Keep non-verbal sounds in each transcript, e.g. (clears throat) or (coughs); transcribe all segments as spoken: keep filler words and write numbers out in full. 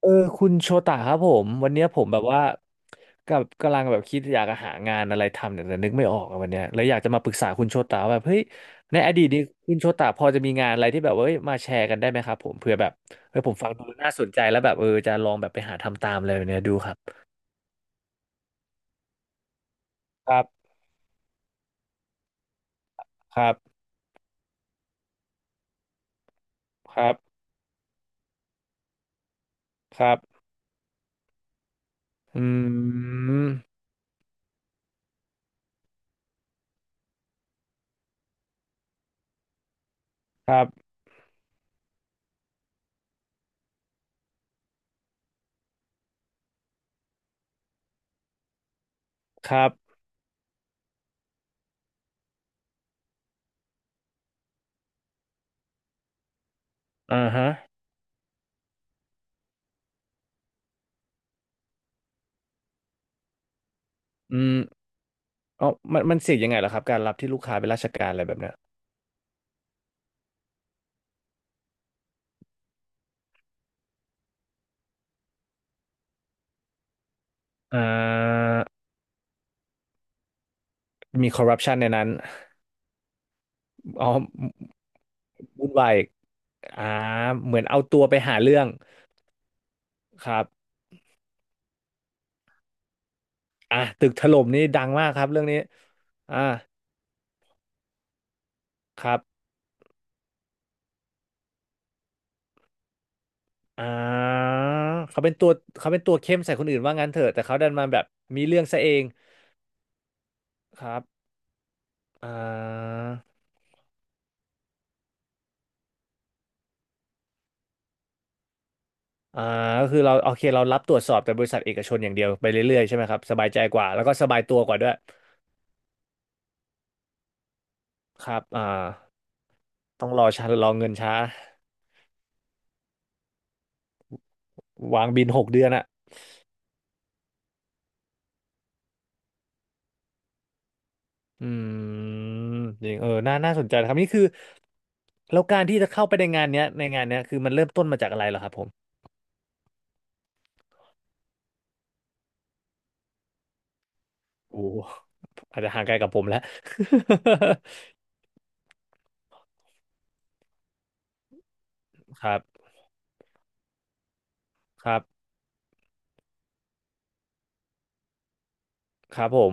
เออคุณโชตะครับผมวันเนี้ยผมแบบว่ากับกำลังแบบคิดอยากจะหางานอะไรทำเนี่ยแต่นึกไม่ออกอะวันเนี้ยเลยอยากจะมาปรึกษาคุณโชตะว่าแบบเฮ้ยในอดีตนี้คุณโชตะพอจะมีงานอะไรที่แบบว่าเอ้ยมาแชร์กันได้ไหมครับผมเผื่อแบบเฮ้ยผมฟังดูแล้วน่าสนใจแล้วแบบเออจะลองแบบไปหาทำตามอะไรแบบเนี้ยดูครับครับครับครับครับอืมครับครับอ่าฮะอืมอ๋อมันมันเสี่ยงยังไงเหรอครับการรับที่ลูกค้าเป็นราชการอะไรแบบเนี้ยอ่ามีคอร์รัปชันในนั้น อ๋อวุ่นวายอีกอ่าเหมือนเอาตัวไปหาเรื่องครับอ่ะตึกถล่มนี่ดังมากครับเรื่องนี้อ่าครับอ่าเขาเป็นตัวเขาเป็นตัวเข้มใส่คนอื่นว่างั้นเถอะแต่เขาดันมาแบบมีเรื่องซะเองครับอ่าอ่าก็คือเราโอเคเรารับตรวจสอบแต่บริษัทเอกชนอย่างเดียวไปเรื่อยๆใช่ไหมครับสบายใจกว่าแล้วก็สบายตัวกว่าด้วยครับอ่าต้องรอช้ารอเงินช้าวางบินหกเดือนอะ อืมจริงเออน่าน่าสนใจนะครับนี่คือแล้วการที่จะเข้าไปในงานเนี้ยในงานเนี้ยคือมันเริ่มต้นมาจากอะไรเหรอครับผมโอ้โหอาจจะห่างไกลกับผมแล้ว (laughs) ครับครับครับผม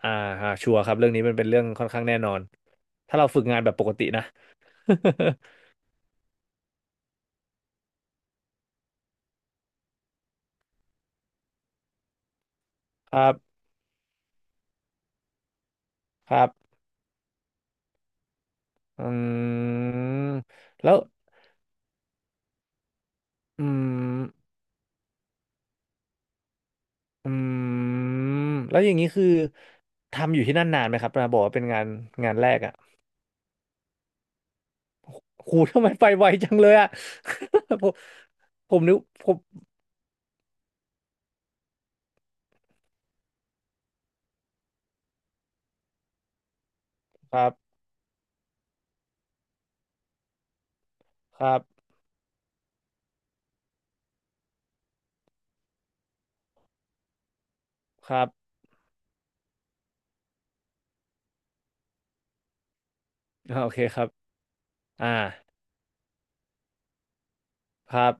อ่าฮะชัวร์ครับเรื่องนี้มันเป็นเรื่องค่อนข้างแน่นอนถ้าเราฝึกงานแบบปกตินะ (laughs) ครับครับอืมแล้วอืมอืมแล้วอย่างนี้คือทำอยู่ที่นั่นนานไหมครับนะบอกว่าเป็นงานงานแรกอ่ะ โหทำไมไปไวจังเลยอ่ะ (laughs) ผมผมนึกผมครับครับครับอ่าโอเคครับอ่าครับ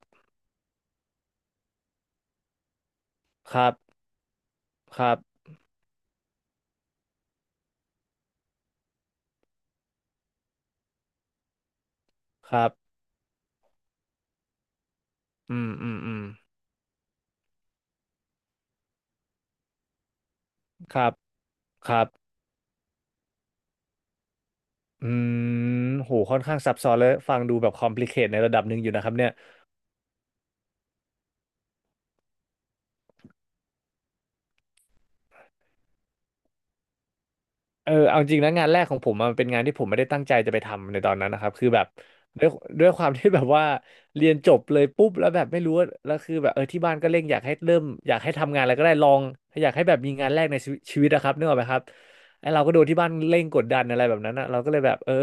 ครับครับครับอืมอืมอืมครับครับอืมโหค่อนข้างซับซ้อนเลยฟังดูแบบคอมพลีเคทในระดับหนึ่งอยู่นะครับเนี่ย เออเอาจริงนะงานแรกของผมอะมันเป็นงานที่ผมไม่ได้ตั้งใจจะไปทำในตอนนั้นนะครับคือแบบด้วยด้วยความที่แบบว่าเรียนจบเลยปุ๊บแล้วแบบไม่รู้ว่าแล้วคือแบบเออที่บ้านก็เร่งอยากให้เริ่มอยากให้ทำงานอะไรก็ได้ลองอยากให้แบบมีงานแรกในชีวิตชีวิตนะครับนึกออกไหมครับไอเราก็โดนที่บ้านเร่งกดดันอะไรแบบนั้นอะเราก็เลยแบบเออ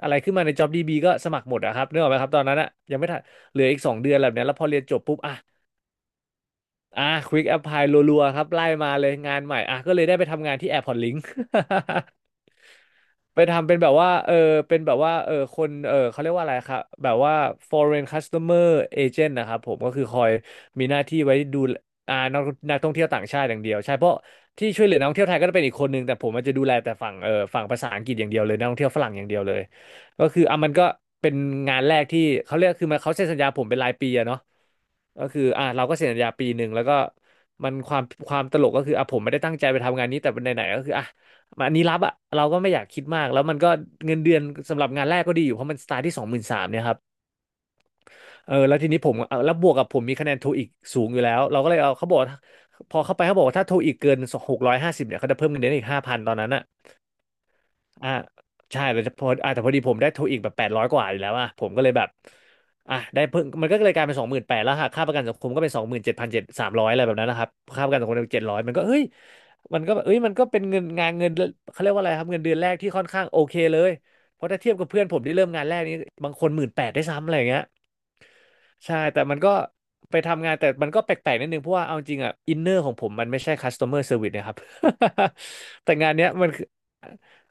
อะไรขึ้นมาใน JobDB ก็สมัครหมดอะครับนึกออกไหมครับตอนนั้นอะยังไม่ทันเหลืออีกสองเดือนแบบเนี้ยแล้วพอเรียนจบปุ๊บอะอ่ะ Quick Apply รัวๆครับไล่มาเลยงานใหม่อ่ะก็เลยได้ไปทำงานที่ Airport Link (laughs) ไปทำเป็นแบบว่าเออเป็นแบบว่าเออคนเออเขาเรียกว่าอะไรครับแบบว่า foreign customer agent นะครับผมก็คือคอยมีหน้าที่ไว้ดูอ่านักนักท่องเที่ยวต่างชาติอย่างเดียวใช่เพราะที่ช่วยเหลือนักท่องเที่ยวไทยก็จะเป็นอีกคนนึงแต่ผมมันจะดูแลแต่ฝั่งเออฝั่งภาษาอังกฤษอย่างเดียวเลยนักท่องเที่ยวฝรั่งอย่างเดียวเลยก็คืออ่ะมันก็เป็นงานแรกที่เขาเรียกคือมันเขาเซ็นสัญญาผมเป็นรายปีอะเนาะก็คืออ่ะเราก็เซ็นสัญญาปีหนึ่งแล้วก็มันความความตลกก็คืออ่ะผมไม่ได้ตั้งใจไปทำงานนี้แต่ไหนๆก็คืออ่ะ มันอันนี้รับอะเราก็ไม่อยากคิดมากแล้วมันก็เงินเดือนสำหรับงานแรกก็ดีอยู่เพราะมันสตาร์ทที่สองหมื่นสามเนี่ยครับเออแล้วทีนี้ผมเอาแล้วบวกกับผมมีคะแนนโทอีกสูงอยู่แล้วเราก็เลยเอาเขาบอกว่าพอเข้าไปเขาบอกว่าถ้าโทอีกเกินหกร้อยห้าสิบเนี่ยเขาจะเพิ่มเงินเดือนอีกห้าพันตอนนั้นอะ อ่าใช่แล้วพออ่ะแต่พอดีผมได้โทอีกแบบแปดร้อยกว่าอยู่แล้วอ่ะผมก็เลยแบบอ่ะได้เพิ่งมันก็เลยกลายเป็นสองหมื่นแปดแล้วหักค่าประกันสังคมก็เป็นสองหมื่นเจ็ดพันเจ็ดสามร้อยอะไรแบบนั้นนะครับค่าประกันสังคมเจ็ดร้อยมันก็เฮ้ยมันก็แบบเอ้ยมันก็เป็นเงินงานเงินเขาเรียกว่าอะไรครับเงินเดือนแรกที่ค่อนข้างโอเคเลยเพราะถ้าเทียบกับเพื่อนผมที่เริ่มงานแรกนี่บางคนหมื่นแปดได้วยซ้ำอะไรอย่างเงี้ย ใช่แต่มันก็ไปทำงานแต่มันก็แปลกๆนิดนึงเพราะว่าเอาจริงอ่ะอินเนอร์ของผมมันไม่ใช่ customer service นะครับ (laughs) แต่งานเนี้ยมันคือ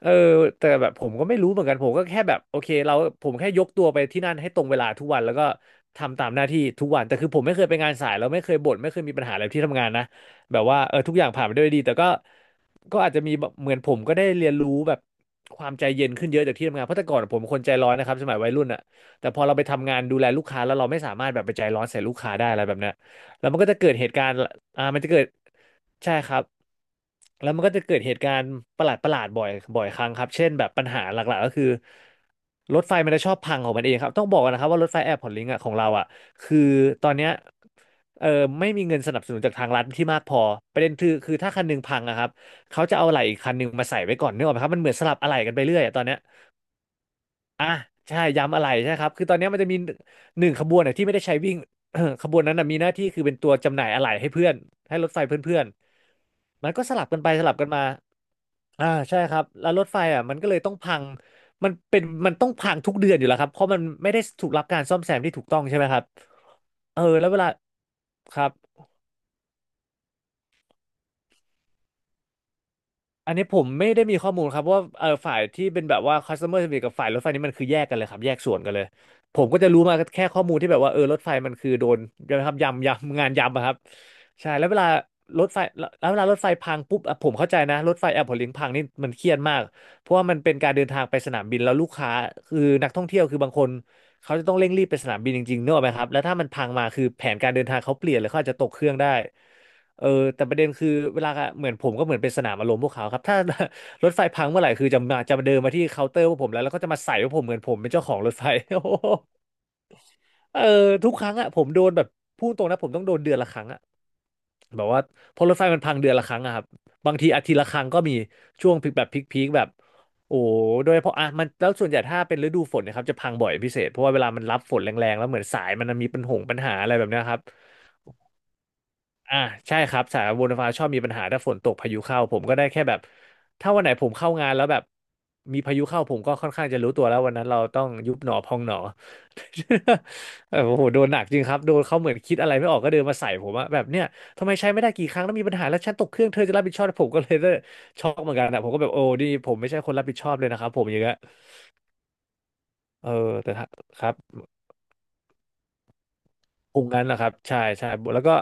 เออแต่แบบผมก็ไม่รู้เหมือนกันผมก็แค่แบบโอเคเราผมแค่ยกตัวไปที่นั่นให้ตรงเวลาทุกวันแล้วก็ทำตามหน้าที่ทุกวันแต่คือผมไม่เคยไปงานสายแล้วไม่เคยบ่นไม่เคยมีปัญหาอะไรที่ทำงานนะแบบว่าเออทุกอย่างผ่านไปด้วยดีแต่ก็ก็อาจจะมีแบบเหมือนผมก็ได้เรียนรู้แบบความใจเย็นขึ้นเยอะจากที่ทำงานเพราะแต่ก่อนผมเป็นคนใจร้อนนะครับสมัยวัยรุ่นอ่ะ แต่พอเราไปทำงานดูแลลูกค้าแล้วเราไม่สามารถแบบไปใจร้อนใส่ลูกค้าได้อะไรแบบเนี้ยแล้วมันก็จะเกิดเหตุการณ์อ่ามันจะเกิดใช่ครับแล้วมันก็จะเกิดเหตุการณ์ประหลาดประหลาดบ่อยบ่อยครั้งครับเช่นแบบปัญหาหลักๆก็คือรถไฟมันจะชอบพังของมันเองครับต้องบอกก่อนนะครับว่ารถไฟแอร์พอร์ตลิงก์อะของเราอ่ะคือตอนเนี้ยเออไม่มีเงินสนับสนุนจากทางรัฐที่มากพอประเด็นคือคือถ้าคันหนึงพังอะครับเขาจะเอาอะไหล่อีกคันหนึงมาใส่ไว้ก่อนนึกออกไหมครับมันเหมือนสลับอะไหล่กันไปเรื่อยอะตอนเนี้ย อ่ะใช่ย้ำอะไรใช่ครับคือตอนนี้มันจะมีหนึ่งขบวนน่ะที่ไม่ได้ใช้วิ่ง (coughs) (clears throat) ขบวนนั้นนะมีหน้าที่คือเป็นตัวจำหน่ายอะไหล่ให้เพื่อนให้รถไฟเพื่อนๆมันก็สลับกันไปสลับกันมาอ่าใช่ครับแล้วรถไฟอ่ะมันก็เลยต้องพังมันเป็นมันต้องพังทุกเดือนอยู่แล้วครับเพราะมันไม่ได้ถูกรับการซ่อมแซมที่ถูกต้องใช่ไหมครับเออแล้วเวลาครับ อันนี้ผมไม่ได้มีข้อมูลครับว่าเออฝ่ายที่เป็นแบบว่า customer service กับฝ่ายรถไฟนี่มันคือแยกกันเลยครับแยกส่วนกันเลยผมก็จะรู้มาแค่ข้อมูลที่แบบว่าเออรถไฟมันคือโดนนะครับยำยำงานยำอะครับใช่แล้วเวลารถไฟแล้วแล้วเวลารถไฟพังปุ๊บอ่ะผมเข้าใจนะรถไฟแอร์พอร์ตลิงพังนี่มันเครียดมากเพราะว่ามันเป็นการเดินทางไปสนามบินแล้วลูกค้าคือนักท่องเที่ยวคือบางคนเขาจะต้องเร่งรีบไปสนามบินจริงๆเนกอะไหมครับแล้วถ้ามันพังมาคือแผนการเดินทางเขาเปลี่ยนเลยเขาอาจจะตกเครื่องได้ เออแต่ประเด็นคือเวลาเหมือนผมก็เหมือนเป็นสนามอารมณ์พวกเขาครับถ้า (laughs) รถไฟพังเมื่อไหร่คือจะมาจะมาเดินมาที่เคาน์เตอร์พวกผมแล้วแล้วก็จะมาใส่ว่าผมเหมือนผมเป็นเจ้าของรถไฟ (laughs) โอ้โหเออทุกครั้งอะผมโดนแบบพูดตรงนะผมต้องโดนเดือนละครั้งอะแบบว่าเพอรถไฟมันพังเดือนละครั้งอะครับบางทีอาทิตย์ละครั้งก็มีช่วงพีคแบบพีคๆแบบโอ้โหโดยเฉพาะอ่ะมันแล้วส่วนใหญ่ถ้าเป็นฤดูฝนเนะครับจะพังบ่อยเป็นพิเศษเพราะว่าเวลามันรับฝนแรงๆแล้วเหมือนสายมันมีปัญหงปัญหาอะไรแบบเนี้ยครับ อ่าใช่ครับสายบนฟ้าชอบมีปัญหาถ้าฝนตกพายุเข้าผมก็ได้แค่แบบถ้าวันไหนผมเข้างานแล้วแบบมีพายุเข้าผมก็ค่อนข้างจะรู้ตัวแล้ววันนั้นเราต้องยุบหนอพองหนอ (laughs) เออโอ้โหโดนหนักจริงครับโดนเขาเหมือนคิดอะไรไม่ออกก็เดินมาใส่ผมอะแบบเนี่ยทำไมใช้ไม่ได้กี่ครั้งแล้วมีปัญหาแล้วฉันตกเครื่องเธอจะรับผิดชอบผมก็เลยเลยช็อกเหมือนกันอะผมก็แบบโอ้นี่ผมไม่ใช่คนรับผิดชอบเลยนะครับผมอย่างเงี้ยเออแต่ถ้าครับ คงงั้นแหละครับใช่ใช่แล้วก็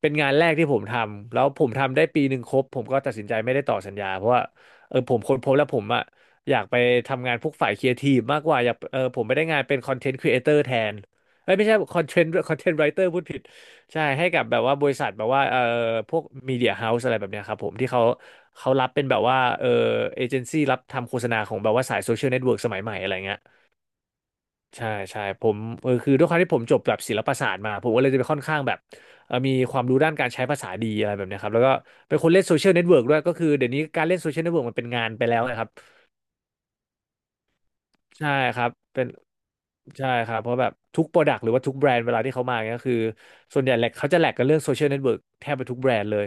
เป็นงานแรกที่ผมทำแล้วผมทำได้ปีหนึ่งครบผมก็ตัดสินใจไม่ได้ต่อสัญญาเพราะว่าเออผมค้นพบแล้วผมอะอยากไปทำงานพวกฝ่ายครีเอทีฟมากกว่าอยากเออผมไม่ได้งานเป็นคอนเทนต์ครีเอเตอร์แทนเอ้ยไม่ใช่คอนเทนต์คอนเทนต์ไรเตอร์ (laughs) พูดผิดใช่ให้กับแบบว่าบริษัทแบบว่าเออพวกมีเดียเฮาส์อะไรแบบเนี้ยครับผมที่เขาเขารับเป็นแบบว่าเออเอเจนซี่รับทำโฆษณาของแบบว่าสายโซเชียลเน็ตเวิร์กสมัยใหม่อะไรเงี้ย ใช่ใช่ผมเออคือด้วยความที่ผมจบแบบศิลปศาสตร์มาผมก็เลยจะไปค่อนข้างแบบเออมีความรู้ด้านการใช้ภาษาดีอะไรแบบเนี้ยครับแล้วก็เป็นคนเล่นโซเชียลเน็ตเวิร์กด้วยก็คือเดี๋ยวนี้การเล่นโซเชียลเน็ตเวิร์กมันเป็นงานไปแล้วนะครับใช่ครับเป็นใช่ครับเพราะแบบทุกโปรดักต์หรือว่าทุกแบรนด์เวลาที่เขามาเนี่ยก็คือส่วนใหญ่แหละเขาจะแหลกกันเรื่องโซเชียลเน็ตเวิร์กแทบไปทุกแบรนด์เลย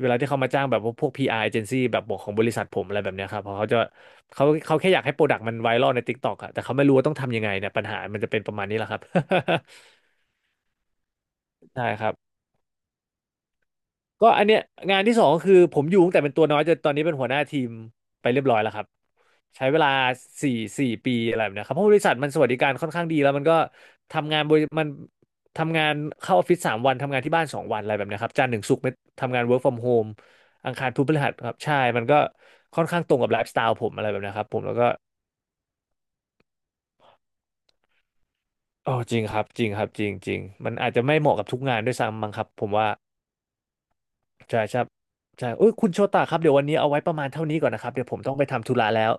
เวลาที่เขามาจ้างแบบพวก พี อาร์ agency แบบบอกของบริษัทผมอะไรแบบเนี้ยครับเพราะเขาจะเขาเขาแค่อยากให้โปรดักต์มันไวรัลใน ติ๊กต็อก อะแต่เขาไม่รู้ว่าต้องทำยังไงเนี่ยปัญหามันจะเป็นประมาณนี้แหละครับ ใช่ครับก็อันเนี้ยงานที่สองก็คือผมอยู่ตั้งแต่เป็นตัวน้อยจนตอนนี้เป็นหัวหน้าทีมไปเรียบร้อยแล้วครับใช้เวลาสี่สี่ปีอะไรแบบเนี้ยครับเพราะบริษัทมันสวัสดิการค่อนข้างดีแล้วมันก็ทำงานบริมันทำงานเข้าออฟฟิศสามวันทำงานที่บ้านสองวันอะไรแบบเนี้ยครับจันทร์ถึงศุกร์ไม่ทำงาน เวิร์กฟรอมโฮม อังคารพุธพฤหัสครับใช่มันก็ค่อนข้างตรงกับไลฟ์สไตล์ผมอะไรแบบเนี้ยครับผมแล้วก็อ๋อจริงครับจริงครับจริงจริงมันอาจจะไม่เหมาะกับทุกงานด้วยซ้ำมั้งครับผมว่า ใช่ครับใช่อุ้ยคุณโชตะครับเดี๋ยววันนี้เอาไว้ประมาณเท่านี้ก่อนนะครับเดี๋ยวผมต้องไปทำธุระแล้ว